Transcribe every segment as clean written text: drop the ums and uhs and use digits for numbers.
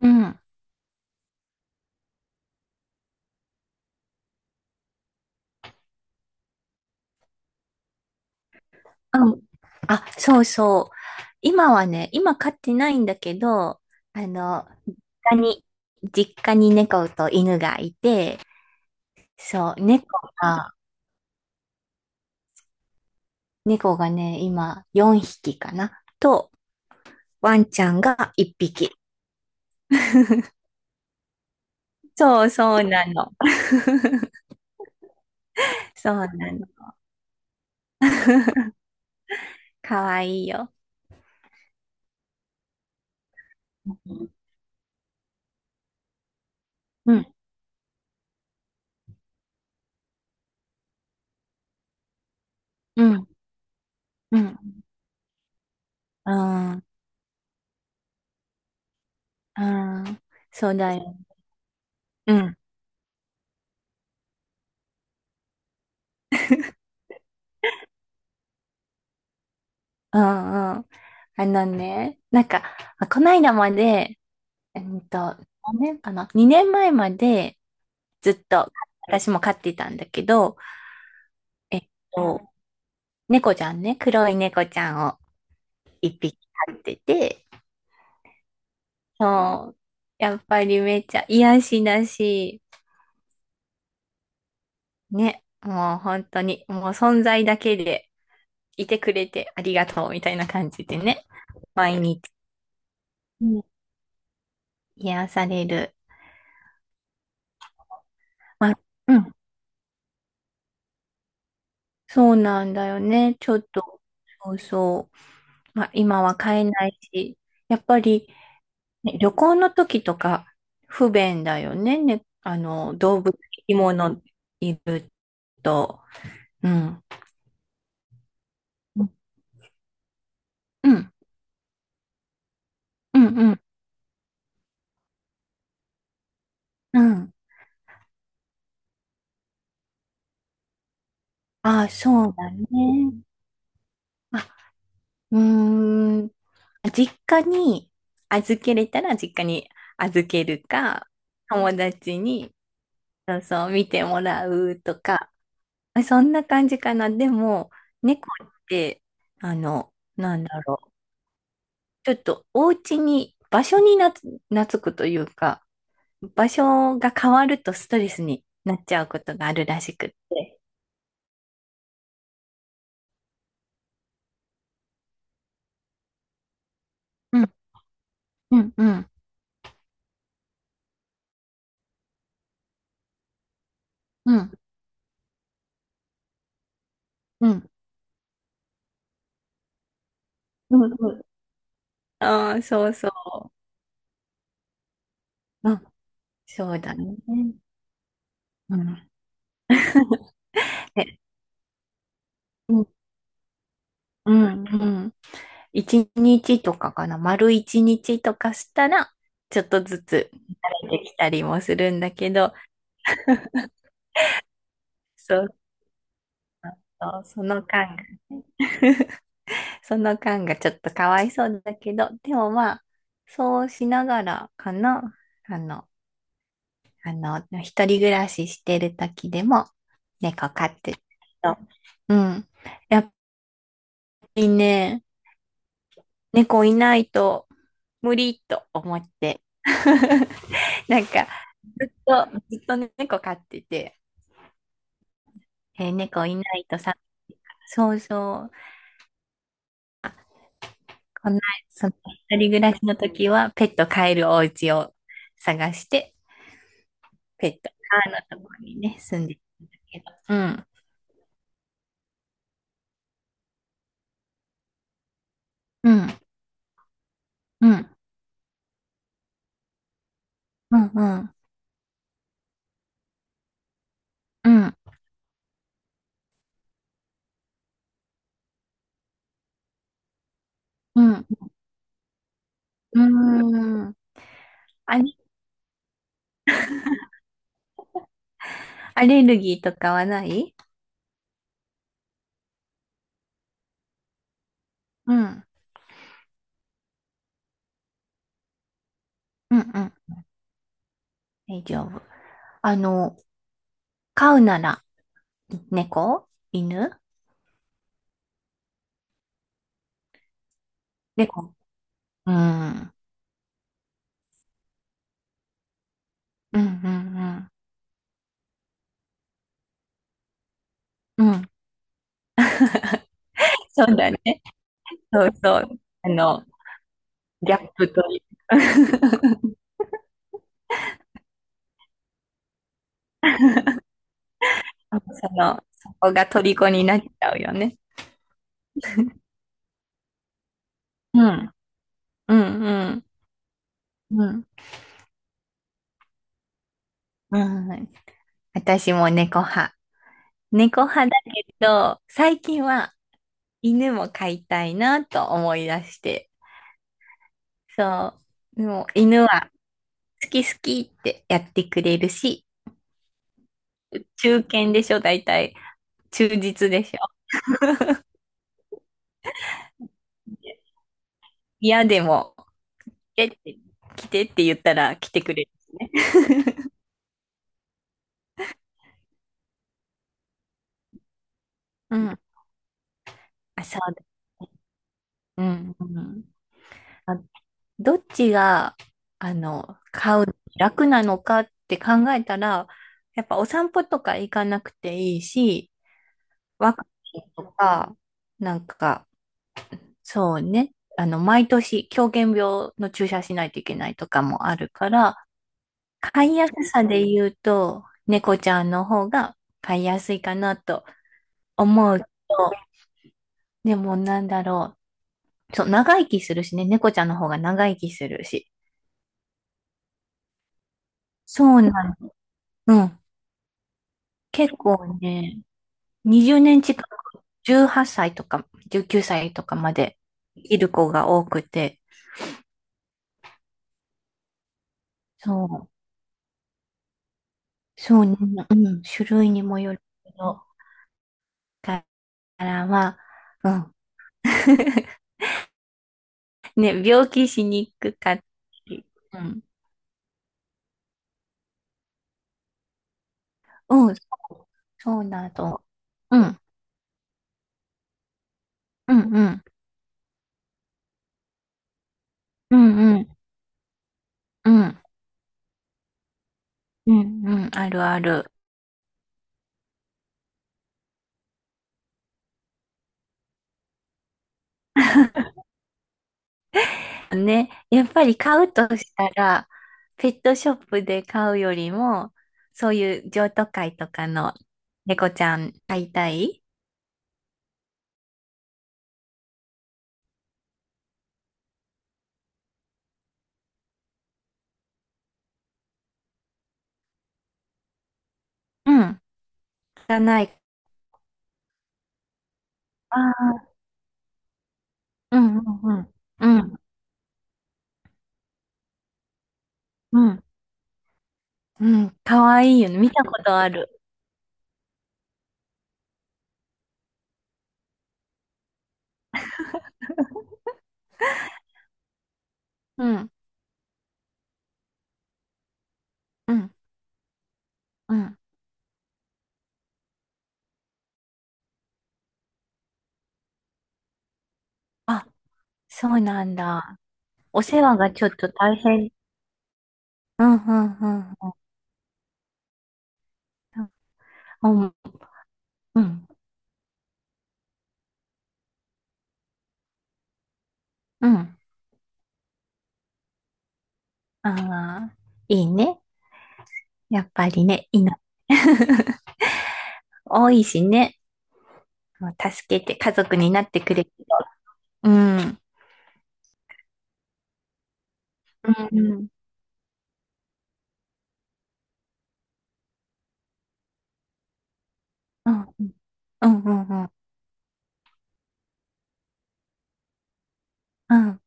うん。あ、そうそう。今はね、今飼ってないんだけど、あの、実家に、実家に猫と犬がいて、そう、が、猫がね、今4匹かな。と、ワンちゃんが1匹。そうそうなの。そうなの。かわいいよ。うん、うん、うん、うん、うん、そうだよ。うん、うん、うん。あのね、こないだまで、えっと、何年かな？ 2年前 年前までずっと私も飼ってたんだけど、えっと、猫ちゃんね、黒い猫ちゃんを一匹飼ってて、そう、やっぱりめっちゃ癒しだし、ね、もう本当に、もう存在だけでいてくれてありがとうみたいな感じでね、毎日うん癒される。まあ、うん、そうなんだよね。ちょっと、そうそう。まあ、今は買えないし、やっぱり、ね、旅行の時とか不便だよね。ね、動物、生き物いると。うん。うん、うん、うん、うん。うん、ああ、そうだね。あ、うーん。実家に預けれたら実家に預けるか、友達に、そうそう、見てもらうとか、あそんな感じかな。でも、猫って、あの、なんだろう。ちょっとお家に、場所に懐くというか、場所が変わるとストレスになっちゃうことがあるらしくって。うんうんうんうんうんうんうん。ああ、そうそう。うん、そうだね。うん。で、うんうんうん。一日とかかな。丸一日とかしたら、ちょっとずつ慣れてきたりもするんだけど、そうそう、その感がね、その感がちょっとかわいそうだけど、でもまあ、そうしながらかな、あの、一人暮らししてる時でも、猫飼ってると、うん。やっぱりね、猫いないと無理と思って、なんか、ずっと猫飼ってて、えー猫いないとさ、そうそう、こんな、その一人暮らしの時はペット飼えるお家を探して、ペットがあのところにね、住んでるんだけど。うん、うん、うん、うん、うん、うん、うん、うん、アレアレルギーとかはない？うん、うん、うん。大丈夫。あの、飼うなら、猫犬？猫。うん、うん、うん、うん、うん。そうだね。そうそう。あの、ギャップという。 その、そこが虜になっちゃうよね。うん、うん、うん、うん。うん、私も猫派。猫派だけど、最近は犬も飼いたいなと思い出して。そう。でも犬は好き好きってやってくれるし、忠犬でしょ、大体。忠実でしょ。嫌でも、来てって来てって言ったら来てくれるしね。うん。あ、そうだね。うんうん。あ、どっちが、あの、飼うのに楽なのかって考えたら、やっぱお散歩とか行かなくていいし、ワクチンとか、なんか、そうね。あの、毎年、狂犬病の注射しないといけないとかもあるから、飼いやすさで言うと、猫ちゃんの方が飼いやすいかなと思うと、でもなんだろう。そう、長生きするしね、猫ちゃんの方が長生きするし。そうなん、うん。結構ね、20年近く、18歳とか19歳とかまで生きる子が多くて、そう。そうね、うん、種類にもよるけど、からは、うん。ね、病気しにくかったり、うん。うん、そうそうなど。うん、うん、うん、うん、うん、うん、うん、うん、あるある。ね、やっぱり買うとしたら、ペットショップで買うよりも、そういう譲渡会とかの猫ちゃん飼いたい。うん、がない。ああ、うん、うん、うん、うん、うん。うん、かわいいよね。見たことある。うん、うん、うん。あ、そうなんだ。お世話がちょっと大変。うん、うん、うん。うん、うん。うん。ああ、いいね。やっぱりね、犬。多いしね。もう助けて家族になってくれると。うん。うん、うん、うん、うん、うん、うん。うん、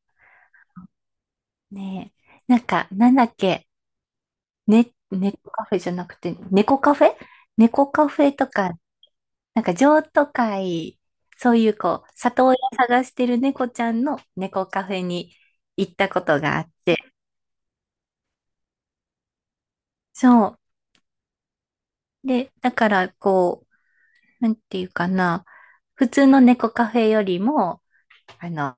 ねえ。なんか、なんだっけ。ね、猫カフェじゃなくて、猫カフェ猫カフェとか、なんか譲渡会、そういうこう、里親探してる猫ちゃんの猫カフェに行ったことがあって、そう。で、だからこう、なんていうかな、普通の猫カフェよりも、あの、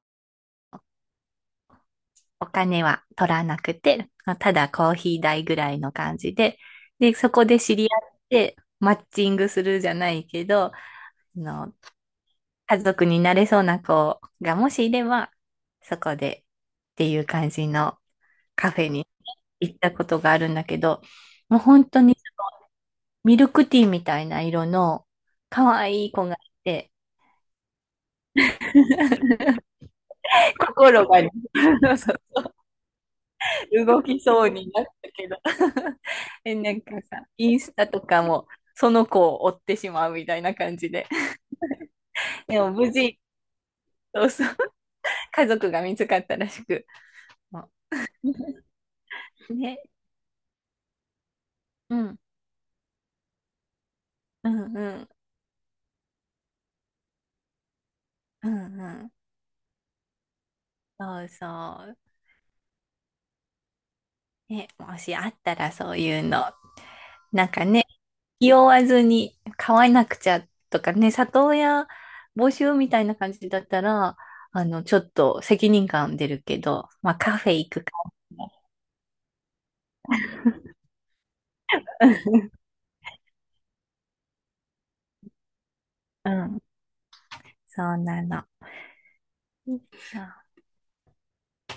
お金は取らなくて、ただコーヒー代ぐらいの感じで、で、そこで知り合って、マッチングするじゃないけど、の、家族になれそうな子がもしいれば、そこでっていう感じの、カフェに行ったことがあるんだけど、もう本当にミルクティーみたいな色の可愛い子がいて、心がね。 そう動きそうになったけど。 え、なんかさ、インスタとかもその子を追ってしまうみたいな感じで、でも無事、そうそう、家族が見つかったらしく、もうね、うん、うん、うん、うん、うん。そうそう。ね、もしあったらそういうの。なんかね、気負わずに買わなくちゃとかね、里親募集みたいな感じだったら、あの、ちょっと責任感出るけど、まあカフェ行くか。うん、そうなの。そうん